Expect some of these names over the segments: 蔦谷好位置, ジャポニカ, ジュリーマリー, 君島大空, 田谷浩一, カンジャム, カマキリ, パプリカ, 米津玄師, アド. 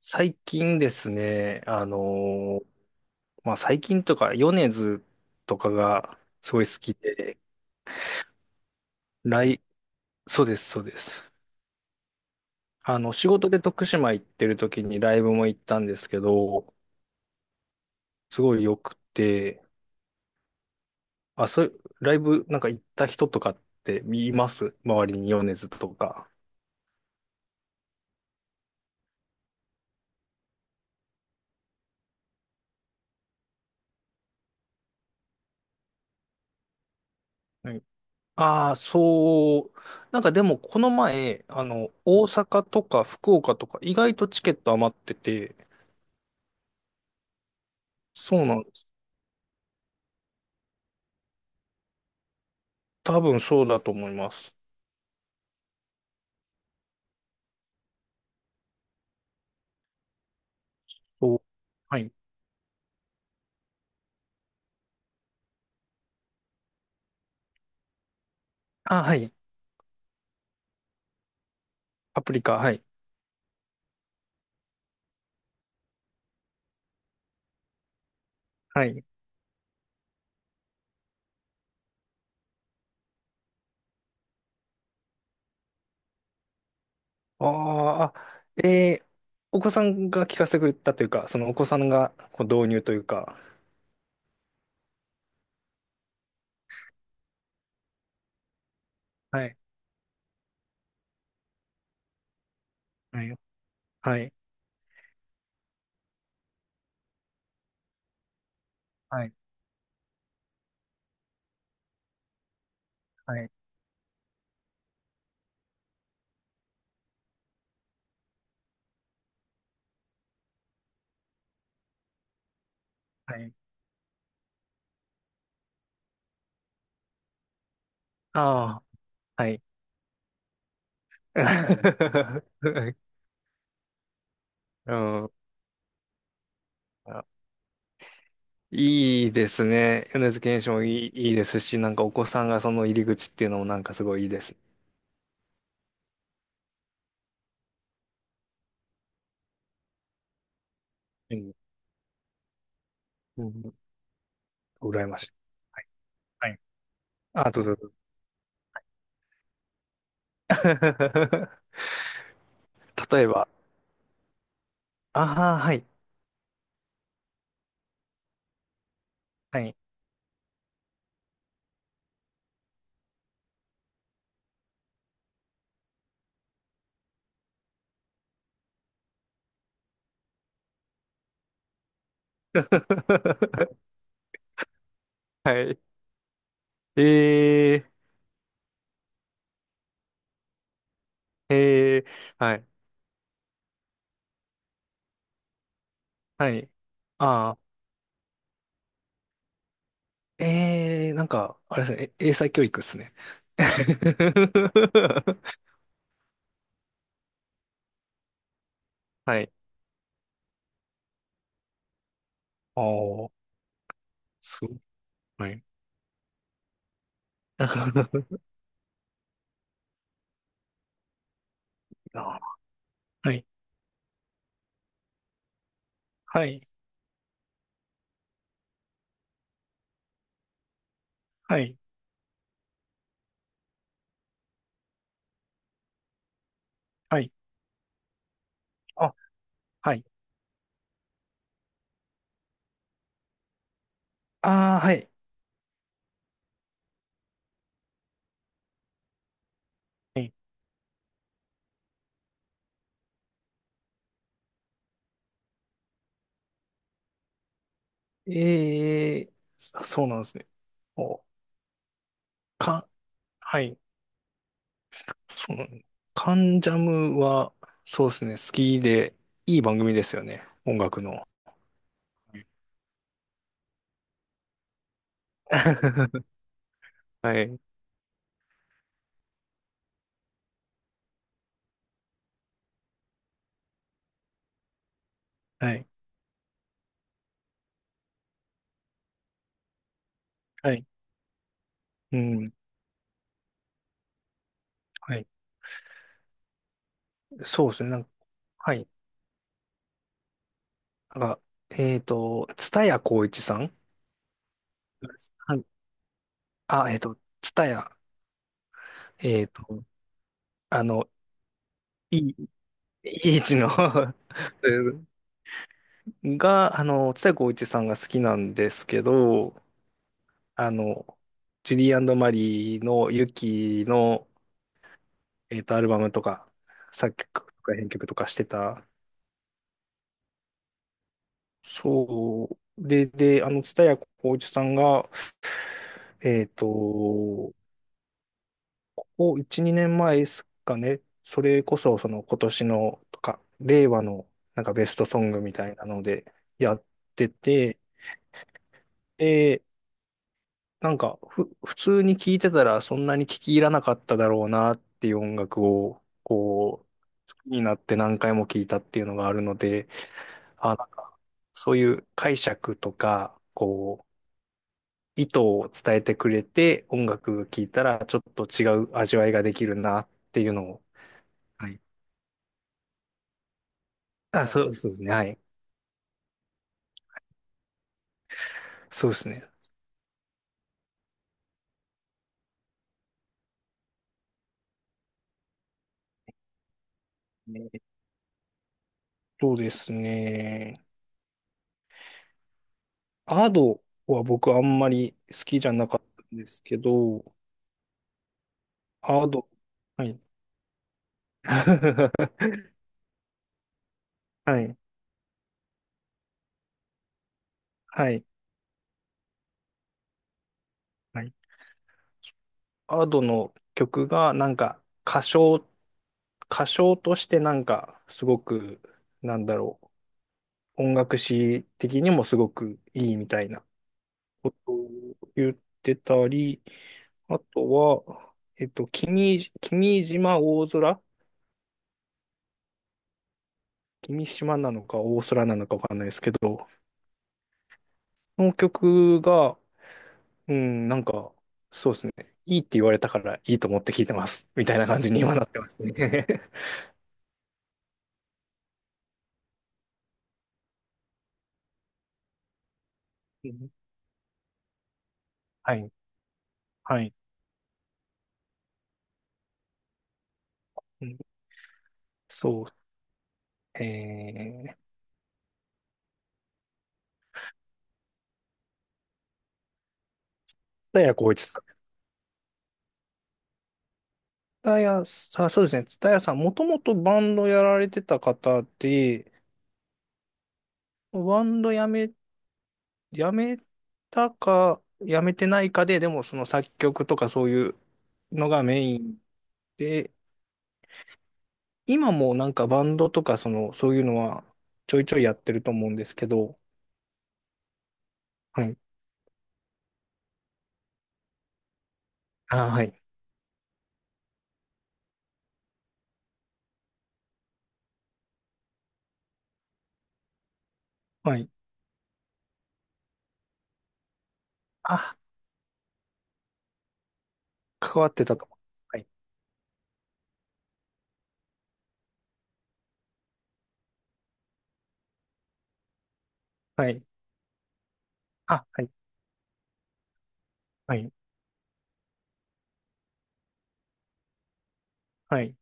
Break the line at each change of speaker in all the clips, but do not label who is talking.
最近ですね、まあ、最近とか、米津とかがすごい好きで、ライ、そうです、そうです。仕事で徳島行ってる時にライブも行ったんですけど、すごい良くて、あ、そう、ライブなんか行った人とかって見ます周りに米津とか？はい。ああ、そう。なんかでも、この前、大阪とか福岡とか、意外とチケット余ってて、そうなんです。多分そうだと思います。そう、はい。あ、はい。パプリカ、はい。はい。あー、あ、お子さんが聞かせてくれたというか、そのお子さんがこう導入というか。はい。はい。はい。はい。はい。はい。ああ、はい。うん。いいですね。米津玄師もいい、いいですし、なんかお子さんがその入り口っていうのもなんかすごいいいです。うん。うん。羨ましい。はい。あ、どうぞどうぞ。例えば、ああ、はい。はい。はい。えー、えー、はい。はい。ああ、なんか、あれですね。英才教育っすね。はい。ああ、そう。はい。あはい。はい。はい。はい。あ、はい。ああ、はい。はい。えー、そうなんですね。お、か、はい。その、カンジャムは、そうですね、好きで、いい番組ですよね、音楽の。はい。はい。はい。うん。はい。そうですね、なんか、はい。なんか、蔦谷好位置さん。はい。あ、蔦谷、えっと、あの、いい、いい位置の ですが、蔦谷好位置さんが好きなんですけど、あの、ジュリーマリーのユキの、アルバムとか、作曲とか編曲とかしてた。そう。で、蔦谷好位置さんが、ここ1、2年前ですかね。それこそ、その今年のとか、令和のなんかベストソングみたいなのでやってて、で、なんか普通に聴いてたらそんなに聴き入らなかっただろうなっていう音楽を、こう、好きになって何回も聴いたっていうのがあるので、あ、なんか、そういう解釈とか、こう、意図を伝えてくれて、音楽聴いたらちょっと違う味わいができるなっていうのを。はい。あ、そう、そうですね。はい。そうですね。ねそうですね。アドは僕あんまり好きじゃなかったんですけど、アド、はい。はい。はい。はい。アドの曲がなんか歌唱、歌唱としてなんかすごく、なんだろう、音楽史的にもすごくいいみたいなことを言ってたり、あとは、君島大空、君島なのか大空なのかわかんないですけど、その曲が、うん、なんか、そうですね。いいって言われたからいいと思って聞いてます。みたいな感じに今なってますね。うん、はい。はい。うん、そう。えー、田谷浩一、タヤさん、そうですね。タヤさん、もともとバンドやられてた方で、バンドやめたか、やめてないかで、でもその作曲とかそういうのがメインで、今もなんかバンドとかその、そういうのはちょいちょいやってると思うんですけど、はい。あ、はい。はい。あ、関わってたと思う。はい。はい。あ、はい。はい。はい。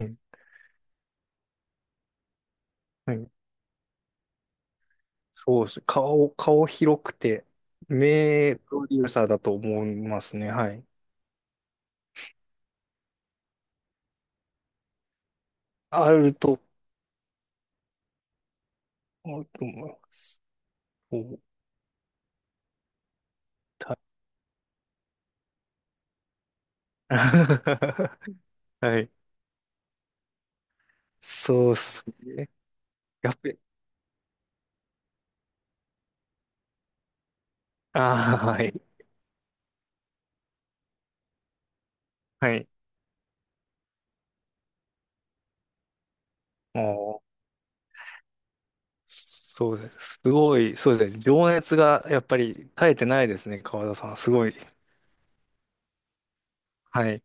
うん、はい、そうです。顔広くて、名プロデューサーだと思いますね。はい。あると思うと思います。そう、た。 はい。そうっすね。やっべ。ああ、はい。はい。もう、そうです。すごい、そうですね。情熱がやっぱり絶えてないですね、川田さん。すごい。はい。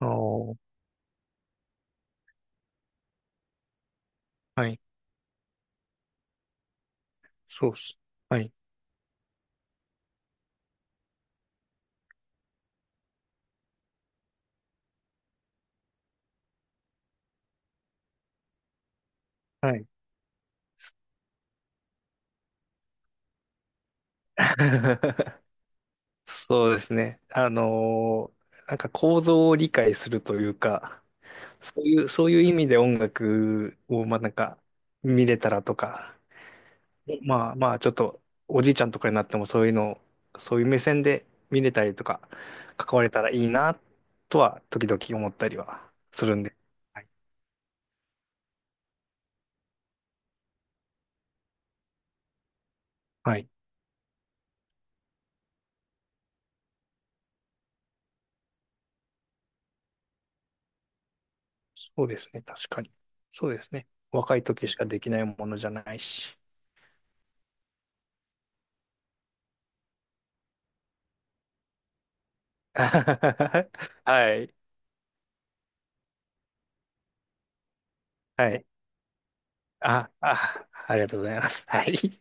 ああ、はい。そうっす。はい。はい。そうですね。なんか構造を理解するというか、そういう意味で音楽を、まあなんか、見れたらとか、まあまあちょっと、おじいちゃんとかになってもそういうのを、そういう目線で見れたりとか、関われたらいいな、とは、時々思ったりはするんで。はい。はい。そうですね。確かに。そうですね。若い時しかできないものじゃないし。はい。はい。あ、ありがとうございます。はい。